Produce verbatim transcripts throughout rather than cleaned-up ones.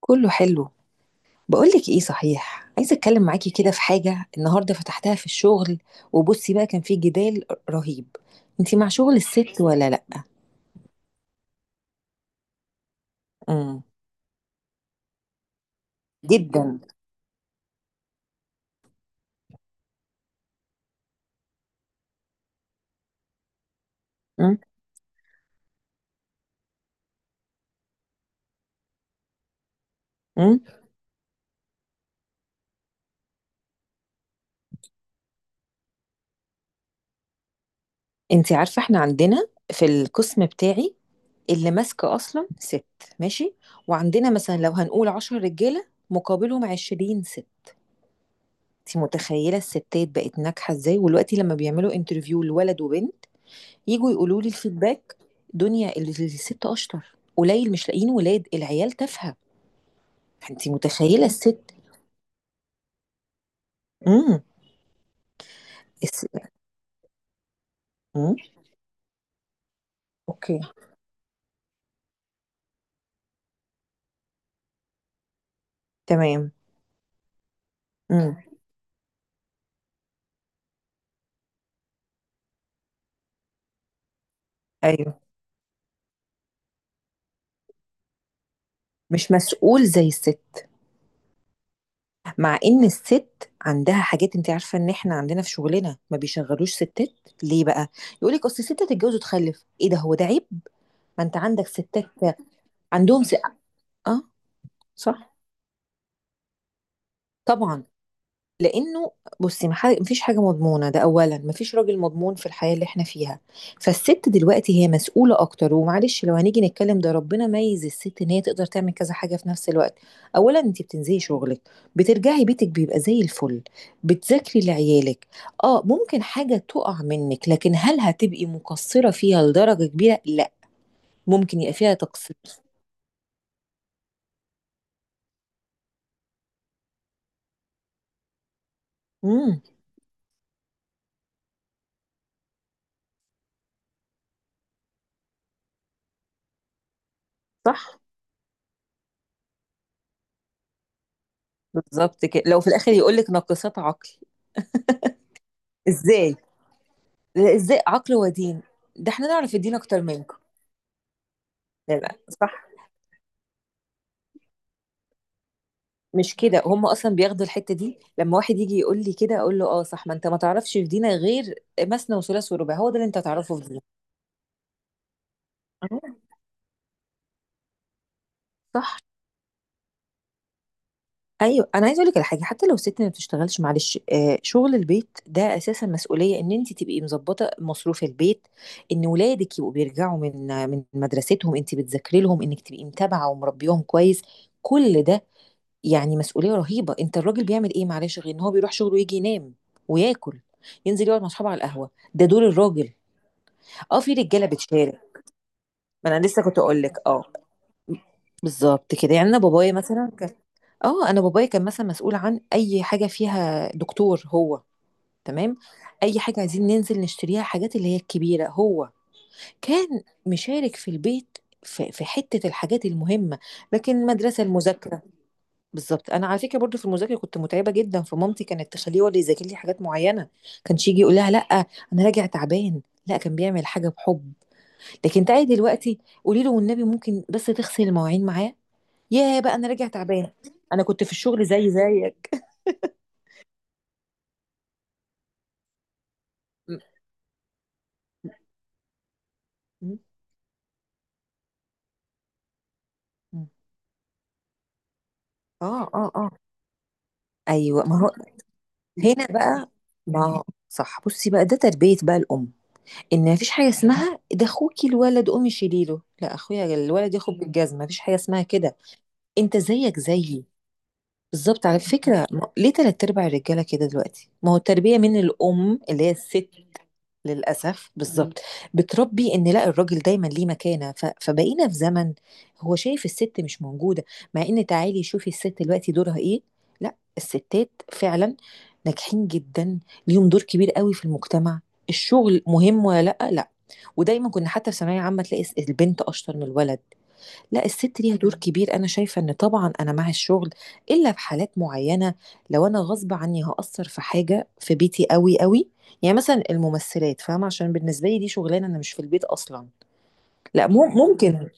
كله حلو. بقولك ايه، صحيح عايزه اتكلم معاكي كده في حاجه النهارده فتحتها في الشغل. وبصي بقى، كان في جدال رهيب. انتي مع شغل الست ولا لا؟ امم جدا. امم امم انتي عارفه احنا عندنا في القسم بتاعي اللي ماسكه اصلا ست. ماشي. وعندنا مثلا لو هنقول عشر رجاله مقابلهم عشرين ست. انتي متخيله الستات بقت ناجحه ازاي؟ ودلوقتي لما بيعملوا انترفيو لولد وبنت، يجوا يقولوا لي الفيدباك، دنيا ال- الست اشطر قليل، مش لاقيين، ولاد العيال تافهه. فانت متخيله الست. امم الس... امم اوكي. تمام. امم ايوه. مش مسؤول زي الست. مع ان الست عندها حاجات. انت عارفه ان احنا عندنا في شغلنا ما بيشغلوش ستات، ليه بقى؟ يقول لك اصل الست تتجوز وتخلف، ايه ده، هو ده عيب؟ ما انت عندك ستات. عندهم س... اه. صح، طبعا. لانه، بصي، مح- مفيش حاجه مضمونه، ده اولا مفيش راجل مضمون في الحياه اللي احنا فيها. فالست دلوقتي هي مسؤوله اكتر. ومعلش لو هنيجي نتكلم، ده ربنا ميز الست ان هي تقدر تعمل كذا حاجه في نفس الوقت. اولا انت بتنزلي شغلك، بترجعي بيتك بيبقى زي الفل، بتذاكري لعيالك. اه، ممكن حاجه تقع منك، لكن هل هتبقي مقصره فيها لدرجه كبيره؟ لا. ممكن يبقى فيها تقصير. امم صح. بالظبط كده. لو في الاخر يقول لك ناقصات عقل، ازاي؟ لا، ازاي عقل ودين؟ ده احنا نعرف الدين اكتر منكم. لا لا، صح. مش كده، هم اصلا بياخدوا الحته دي. لما واحد يجي يقول لي كده، اقول له اه صح، ما انت ما تعرفش في دينك غير مثنى وثلاث ورباع، هو ده اللي انت تعرفه في دينك؟ آه، صح. ايوه، انا عايزه اقول لك على حاجه. حتى لو الست ما بتشتغلش، معلش، آه، شغل البيت ده اساسا مسؤوليه. ان انت تبقي مظبطه مصروف البيت، ان ولادك يبقوا بيرجعوا من من مدرستهم، انت بتذاكري لهم، انك تبقي متابعه ومربيهم كويس، كل ده، يعني مسؤولية رهيبة. انت الراجل بيعمل ايه؟ معلش، غير ان هو بيروح شغله ويجي ينام وياكل، ينزل يقعد مع اصحابه على القهوة. ده دور الراجل. اه، في رجالة بتشارك. ما انا لسه كنت اقول لك، اه، بالظبط كده. يعني انا بابايا مثلا كان، اه، انا بابايا كان مثلا مسؤول عن اي حاجة فيها دكتور هو. تمام. اي حاجة عايزين ننزل نشتريها، حاجات اللي هي الكبيرة، هو كان مشارك في البيت، في في حتة الحاجات المهمة. لكن المدرسة، المذاكرة، بالظبط. انا على فكره برضو في المذاكره كنت متعبه جدا، فمامتي كانت تخليه هو اللي يذاكر لي حاجات معينه. كانش يجي يقول لها لا انا راجع تعبان. لا، كان بيعمل حاجه بحب. لكن تعالي دلوقتي قولي له والنبي ممكن بس تغسل المواعين معاه، يا بقى انا راجع تعبان. انا كنت في الشغل زي زيك. م- م- م. اه اه اه. ايوه. ما هو هنا بقى. ما هو- صح. بصي بقى، ده تربيه بقى الام، ان مفيش حاجه اسمها ده اخوكي الولد قومي شيليله، لا اخويا الولد ياخد بالجزمه، مفيش حاجه اسمها كده. انت زيك زيي. بالظبط. على فكرة، ما- ليه تلات ارباع الرجالة كده دلوقتي؟ ما هو التربية من الام اللي هي الست. للأسف، بالظبط. بتربي ان لا، الراجل دايما ليه مكانة. ف... فبقينا في زمن هو شايف الست مش موجودة. مع ان تعالي شوفي الست دلوقتي دورها ايه. لا، الستات فعلا ناجحين جدا. ليهم دور كبير قوي في المجتمع. الشغل مهم ولا لا؟ لا. ودايما كنا حتى في ثانوية عامة تلاقي البنت اشطر من الولد. لا، الست ليها دور كبير. انا شايفه ان طبعا انا مع الشغل الا في حالات معينه. لو انا غصب عني هاثر في حاجه في بيتي قوي قوي، يعني مثلا الممثلات، فاهمه؟ عشان بالنسبه لي دي شغلانه انا مش في البيت اصلا. لا، مم- ممكن.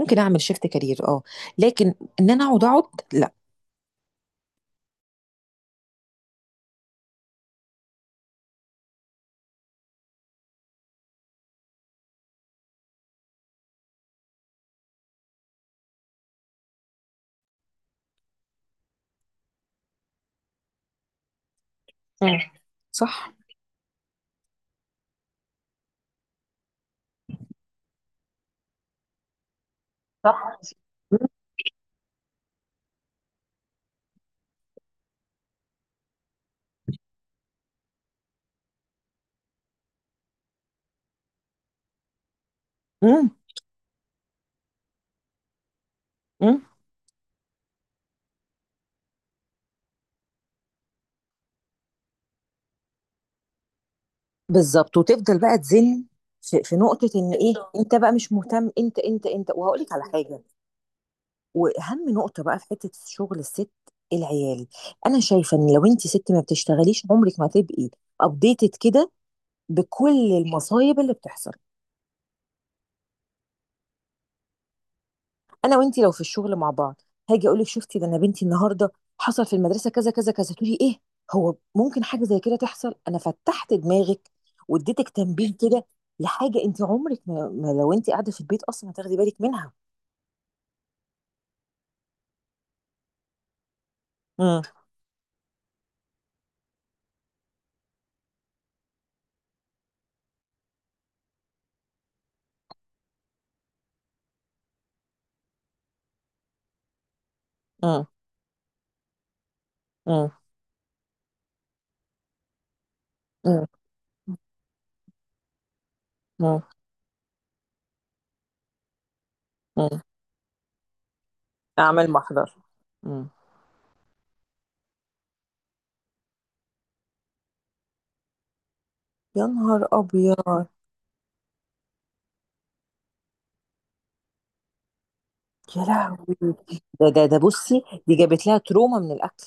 ممكن اعمل شيفت كارير، اه، لكن ان انا اقعد اقعد لا. مم. صح. صح. امم امم بالظبط، وتفضل بقى تزن. في في نقطه ان ايه، انت بقى مش مهتم. انت انت انت وهقول لك على حاجه. واهم نقطه بقى في حته شغل الست، العيال. انا شايفه ان لو انت ست ما بتشتغليش، عمرك ما هتبقي ابديتد كده بكل المصايب اللي بتحصل. انا وانت لو في الشغل مع بعض، هاجي اقول لك شفتي ده انا بنتي النهارده حصل في المدرسه كذا كذا كذا، تقولي ايه؟ هو ممكن حاجه زي كده تحصل. انا فتحت دماغك واديتك تنبيه كده لحاجه انت عمرك ما ما لو انت قاعده في البيت اصلا هتاخدي بالك منها. امم امم امم امم امم اعمل محضر. يا نهار ابيض. يا لهوي. ده ده ده بصي، دي جابت لها تروما من الاكل.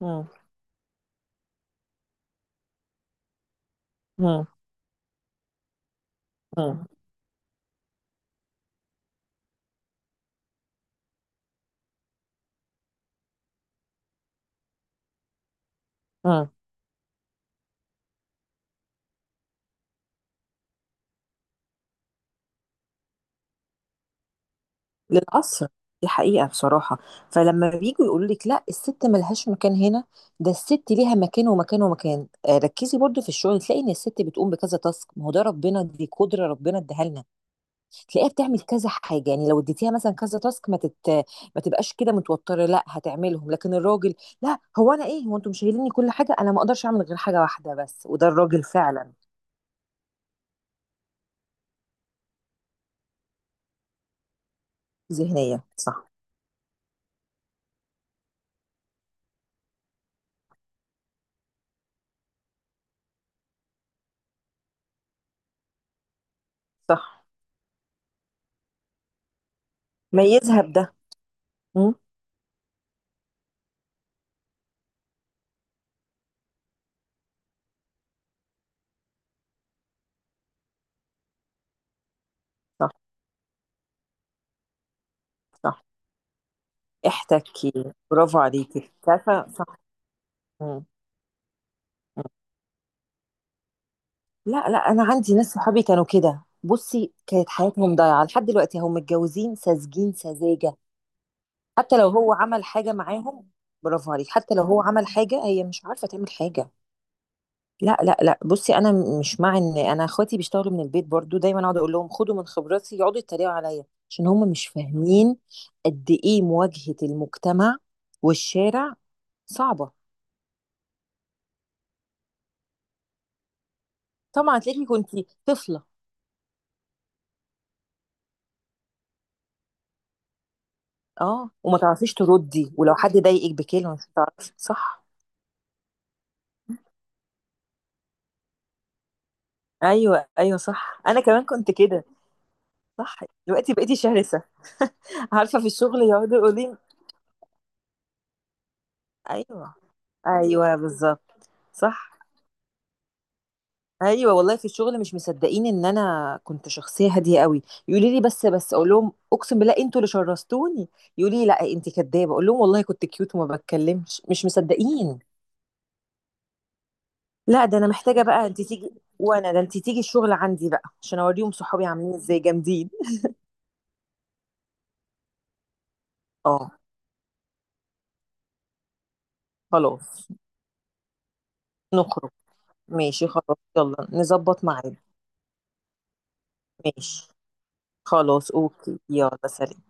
مم. مم. مم. مم. للأسف، دي حقيقة بصراحة. فلما بييجوا يقولوا لك لا الست ملهاش مكان هنا، ده الست ليها مكان ومكان ومكان. آه، ركزي برضو في الشغل تلاقي ان الست بتقوم بكذا تاسك. ما هو ده ربنا، دي قدرة ربنا اداها لنا. تلاقيها بتعمل كذا حاجه. يعني لو اديتيها مثلا كذا تاسك، ما تت... ما تبقاش كده متوتره، لا هتعملهم. لكن الراجل، لا هو انا ايه، هو انتم شايليني كل حاجه، انا ما اقدرش اعمل غير حاجه واحده بس. وده الراجل فعلا. ذهنيا صح. صح. ميزها بده. مم، صح. صح. احتكي. برافو عليكي، عارفه صح. مم، مم. لا لا، انا عندي ناس صحابي كانوا كده. بصي، كانت حياتهم ضايعه لحد دلوقتي هم متجوزين ساذجين سذاجه. حتى لو هو عمل حاجة معاهم، برافو عليك. حتى لو هو عمل حاجة، هي مش عارفة تعمل حاجة. لا لا لا، بصي انا، مش مع ان انا اخواتي بيشتغلوا من البيت برضو، دايما اقعد اقول لهم خدوا من خبراتي، يقعدوا يتريقوا عليا عشان هم مش فاهمين قد ايه مواجهة المجتمع والشارع صعبة. طبعا، تلاقيكي كنتي طفلة. اه، وما تعرفيش تردي، ولو حد ضايقك بكلمة مش هتعرفي. صح. ايوه، ايوه صح، انا كمان كنت كده. صح. دلوقتي بقيتي شرسة. عارفة، في الشغل يقعدوا يقولوا لي، ايوه ايوه بالظبط. صح. ايوه، والله في الشغل مش مصدقين ان انا كنت شخصيه هاديه قوي. يقولوا لي بس بس، اقول لهم اقسم بالله انتوا اللي شرستوني. يقولوا لي لا انت كدابه، اقول لهم والله كنت كيوت وما بتكلمش، مش مصدقين. لا، ده انا محتاجه بقى انت تيجي. وانا، ده انت تيجي الشغل عندي بقى عشان اوريهم صحابي عاملين ازاي جامدين. اه، خلاص، نخرج. ماشي، خلاص، يلا نظبط ميعاد. ماشي، خلاص، اوكي، يلا سلام.